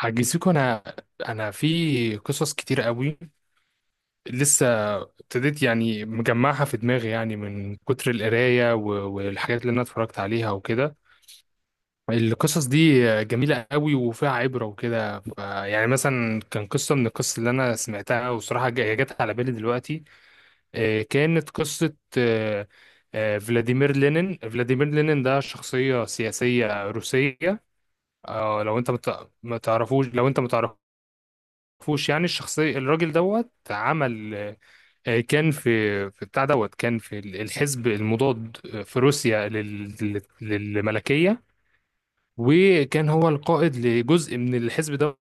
عجزيكوا. انا في قصص كتير قوي. لسه ابتديت يعني مجمعها في دماغي، يعني من كتر القرايه والحاجات اللي انا اتفرجت عليها وكده. القصص دي جميله قوي وفيها عبره وكده. يعني مثلا كان قصه من القصص اللي انا سمعتها، وصراحه جت على بالي دلوقتي. كانت قصه. فلاديمير لينين ده شخصيه سياسيه روسيه. لو انت ما تعرفوش، لو انت ما تعرفوش يعني الشخصية، الراجل دوت عمل. كان في بتاع دوت. كان في الحزب المضاد في روسيا للملكية. وكان هو القائد لجزء من الحزب دوت،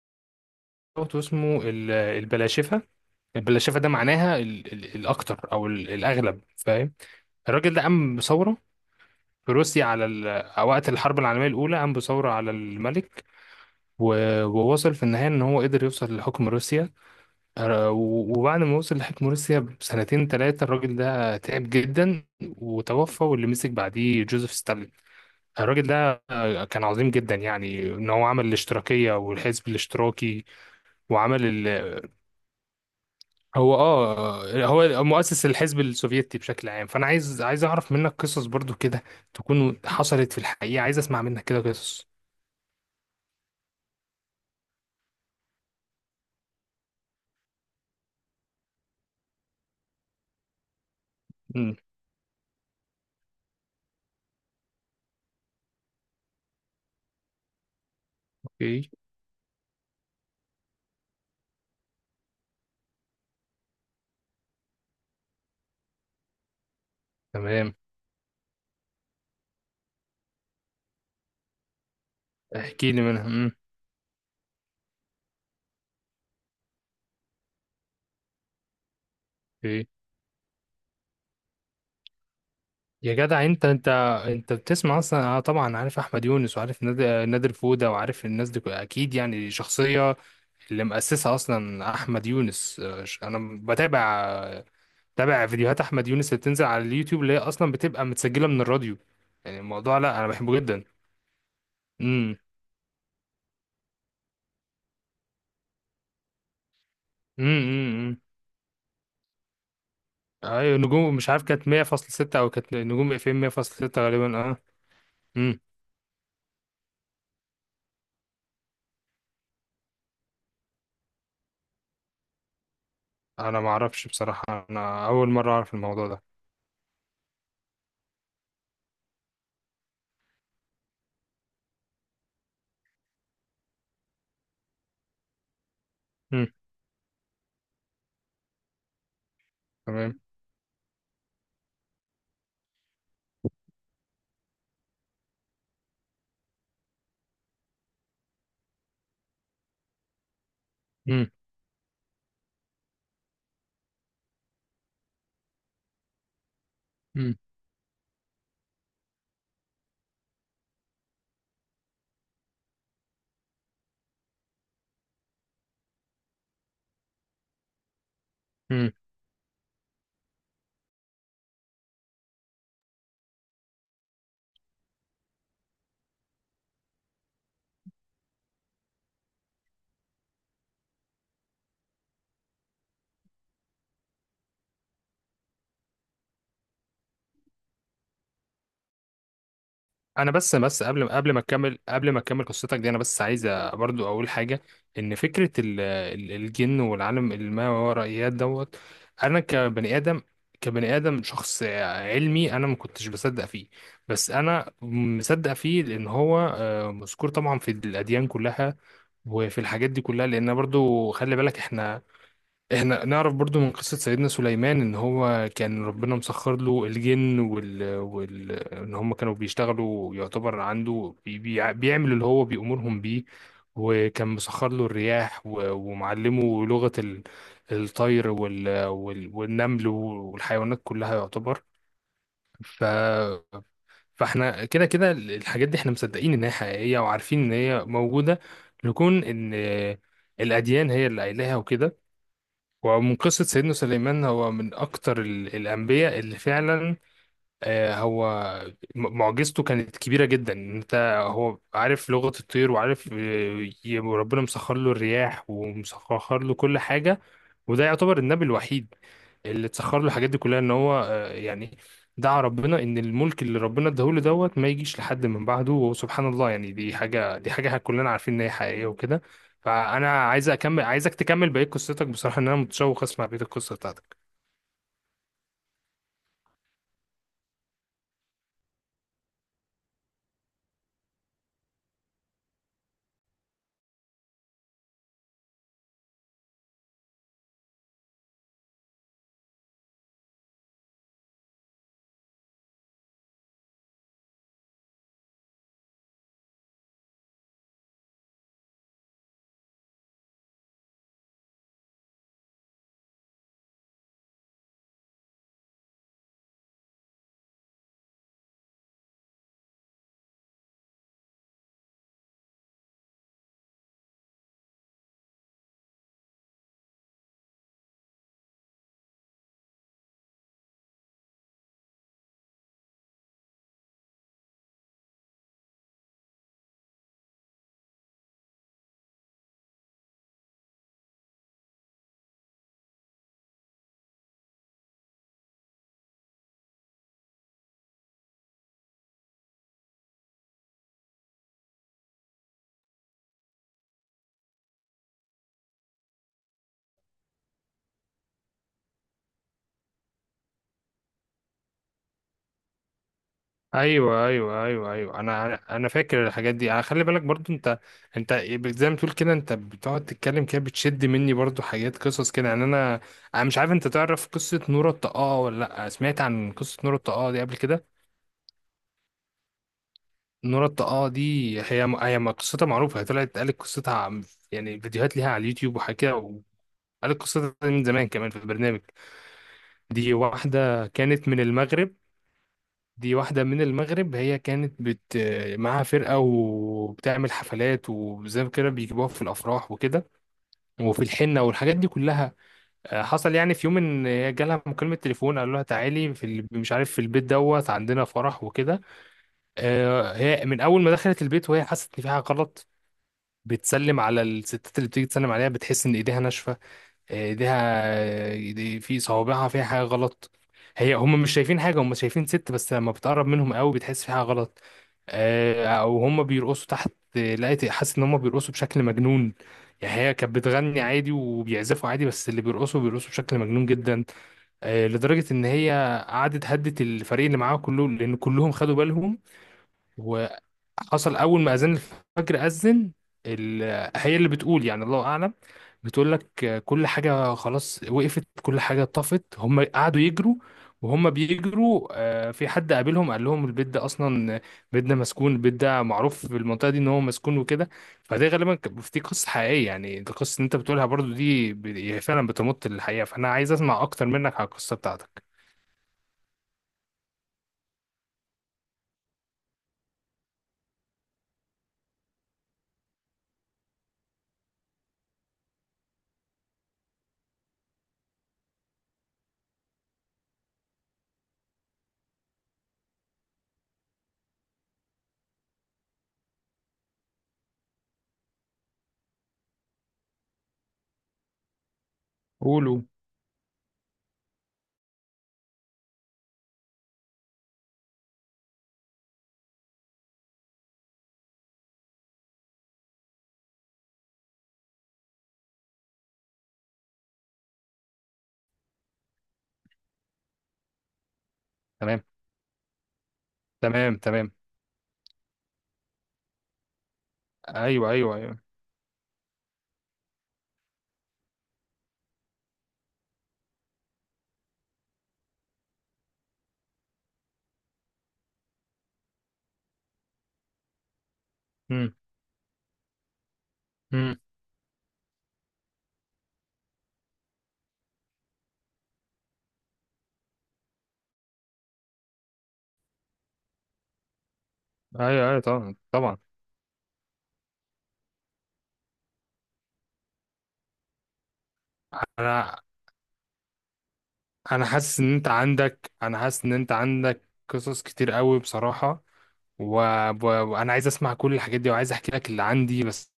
واسمه البلاشفة. البلاشفة ده معناها الأكتر أو الأغلب، فاهم؟ الراجل ده قام بثورة في روسيا على وقت الحرب العالمية الأولى، قام بثورة على الملك. ووصل في النهاية إن هو قدر يوصل لحكم روسيا. وبعد ما وصل لحكم روسيا بسنتين ثلاثة الراجل ده تعب جدا وتوفى، واللي مسك بعديه جوزيف ستالين. الراجل ده كان عظيم جدا، يعني ان هو عمل الاشتراكية والحزب الاشتراكي، وعمل ال... هو مؤسس الحزب السوفيتي بشكل عام. فانا عايز اعرف منك قصص برضو كده تكون حصلت في الحقيقة. عايز اسمع منك كده قصص. امم. اوكي. تمام. احكي لي منها. امم. يا جدع انت، انت بتسمع اصلا؟ انا طبعا عارف احمد يونس وعارف نادر فودة، وعارف الناس دي اكيد، يعني شخصية اللي مؤسسها اصلا احمد يونس. انا بتابع فيديوهات احمد يونس اللي بتنزل على اليوتيوب اللي هي اصلا بتبقى متسجلة من الراديو. يعني الموضوع، لا انا بحبه جدا. امم. امم. امم. امم. ايوه، نجوم مش عارف كانت 100.6، او كانت نجوم اف ام 100.6 غالبا. اه. امم. انا ما اعرفش بصراحة، انا اول مرة اعرف الموضوع ده. امم. تمام. امم. امم. امم. انا بس، قبل ما تكمل قصتك دي، انا بس عايز برضو اقول حاجه. ان فكره الجن والعالم الماورائيات دوت، انا كبني ادم، كبني ادم شخص علمي، انا ما كنتش بصدق فيه. بس انا مصدق فيه لان هو مذكور طبعا في الاديان كلها وفي الحاجات دي كلها. لان برضو خلي بالك احنا نعرف برضو من قصة سيدنا سليمان ان هو كان ربنا مسخر له الجن ان هم كانوا بيشتغلوا يعتبر عنده، بيعمل اللي هو بيأمرهم بيه. وكان مسخر له الرياح ومعلمه لغة الطير والنمل والحيوانات كلها يعتبر. ف... فاحنا كده كده الحاجات دي احنا مصدقين ان هي حقيقية وعارفين ان هي موجودة، لكون ان الأديان هي اللي قايلاها وكده. ومن قصة سيدنا سليمان، هو من أكتر الأنبياء اللي فعلا هو معجزته كانت كبيرة جدا. انت، هو عارف لغة الطير وعارف، وربنا مسخر له الرياح ومسخر له كل حاجة. وده يعتبر النبي الوحيد اللي اتسخر له الحاجات دي كلها، ان هو يعني دعا ربنا ان الملك اللي ربنا اداهوله دوت ما يجيش لحد من بعده. وسبحان الله، يعني دي حاجة كلنا عارفين ان هي حقيقية وكده. فانا عايز اكمل، عايزك تكمل بقية قصتك، بصراحة ان انا متشوق اسمع بقية القصة بتاعتك. ايوه، ايوه، ايوه، ايوه، انا فاكر الحاجات دي. انا خلي بالك برضو انت زي ما تقول كده، انت بتقعد تتكلم كده بتشد مني برضو حاجات قصص كده. يعني انا مش عارف، انت تعرف قصه نورة الطاقه ولا لا؟ سمعت عن قصه نورة الطاقه دي قبل كده؟ نورة الطاقه دي هي قصتها معروفه. هي طلعت قالت قصتها، يعني فيديوهات ليها على اليوتيوب وحاجات كده، وقالت قصتها من زمان كمان في البرنامج. دي واحده كانت من المغرب. دي واحدة من المغرب، هي كانت بت، معاها فرقة وبتعمل حفلات وزي كده بيجيبوها في الأفراح وكده، وفي الحنة والحاجات دي كلها. حصل يعني في يوم إن هي جالها مكالمة تليفون قالوا لها تعالي في مش عارف في البيت دوت، عندنا فرح وكده. هي من أول ما دخلت البيت وهي حست إن في حاجة غلط. بتسلم على الستات اللي بتيجي تسلم عليها، بتحس إن إيديها ناشفة، ايديها دي في صوابعها فيها حاجه غلط. هي هم مش شايفين حاجه، هم شايفين ست بس لما بتقرب منهم قوي بتحس في حاجه غلط. او هم بيرقصوا تحت، لقيت حاسس ان هم بيرقصوا بشكل مجنون. يعني هي كانت بتغني عادي وبيعزفوا عادي، بس اللي بيرقصوا بشكل مجنون جدا. لدرجه ان هي قعدت هدت الفريق اللي معاها كله لان كلهم خدوا بالهم. حصل اول ما اذان الفجر اذن ال- هي اللي بتقول، يعني الله اعلم، بتقول لك كل حاجه خلاص وقفت، كل حاجه طفت، هم قعدوا يجروا. وهم بيجروا في حد قابلهم قال لهم البيت ده اصلا، بيت ده مسكون، البيت ده معروف في المنطقه دي ان هو مسكون وكده. فده غالبا دي قصه حقيقيه. يعني القصه اللي انت بتقولها برضو دي هي فعلا بتمط للحقيقه. فانا عايز اسمع اكتر منك على القصه بتاعتك. قولوا. تمام، تمام، تمام. ايوه، ايوه، ايوه. امم. ايوه، ايوه. طبعا، طبعا. انا انا حاسس ان انت عندك، انا حاسس ان انت عندك قصص كتير قوي بصراحه. و... و... وانا عايز اسمع كل الحاجات دي وعايز احكي لك اللي عندي. بس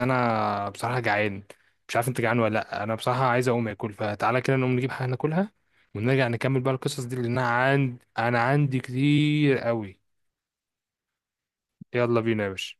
انا بصراحه جعان، مش عارف انت جعان ولا لا؟ انا بصراحه عايز اقوم اكل، فتعالى كده نقوم نجيب حاجه ناكلها، ونرجع نكمل بقى القصص دي، لان انا عندي كتير قوي. يلا بينا يا باشا.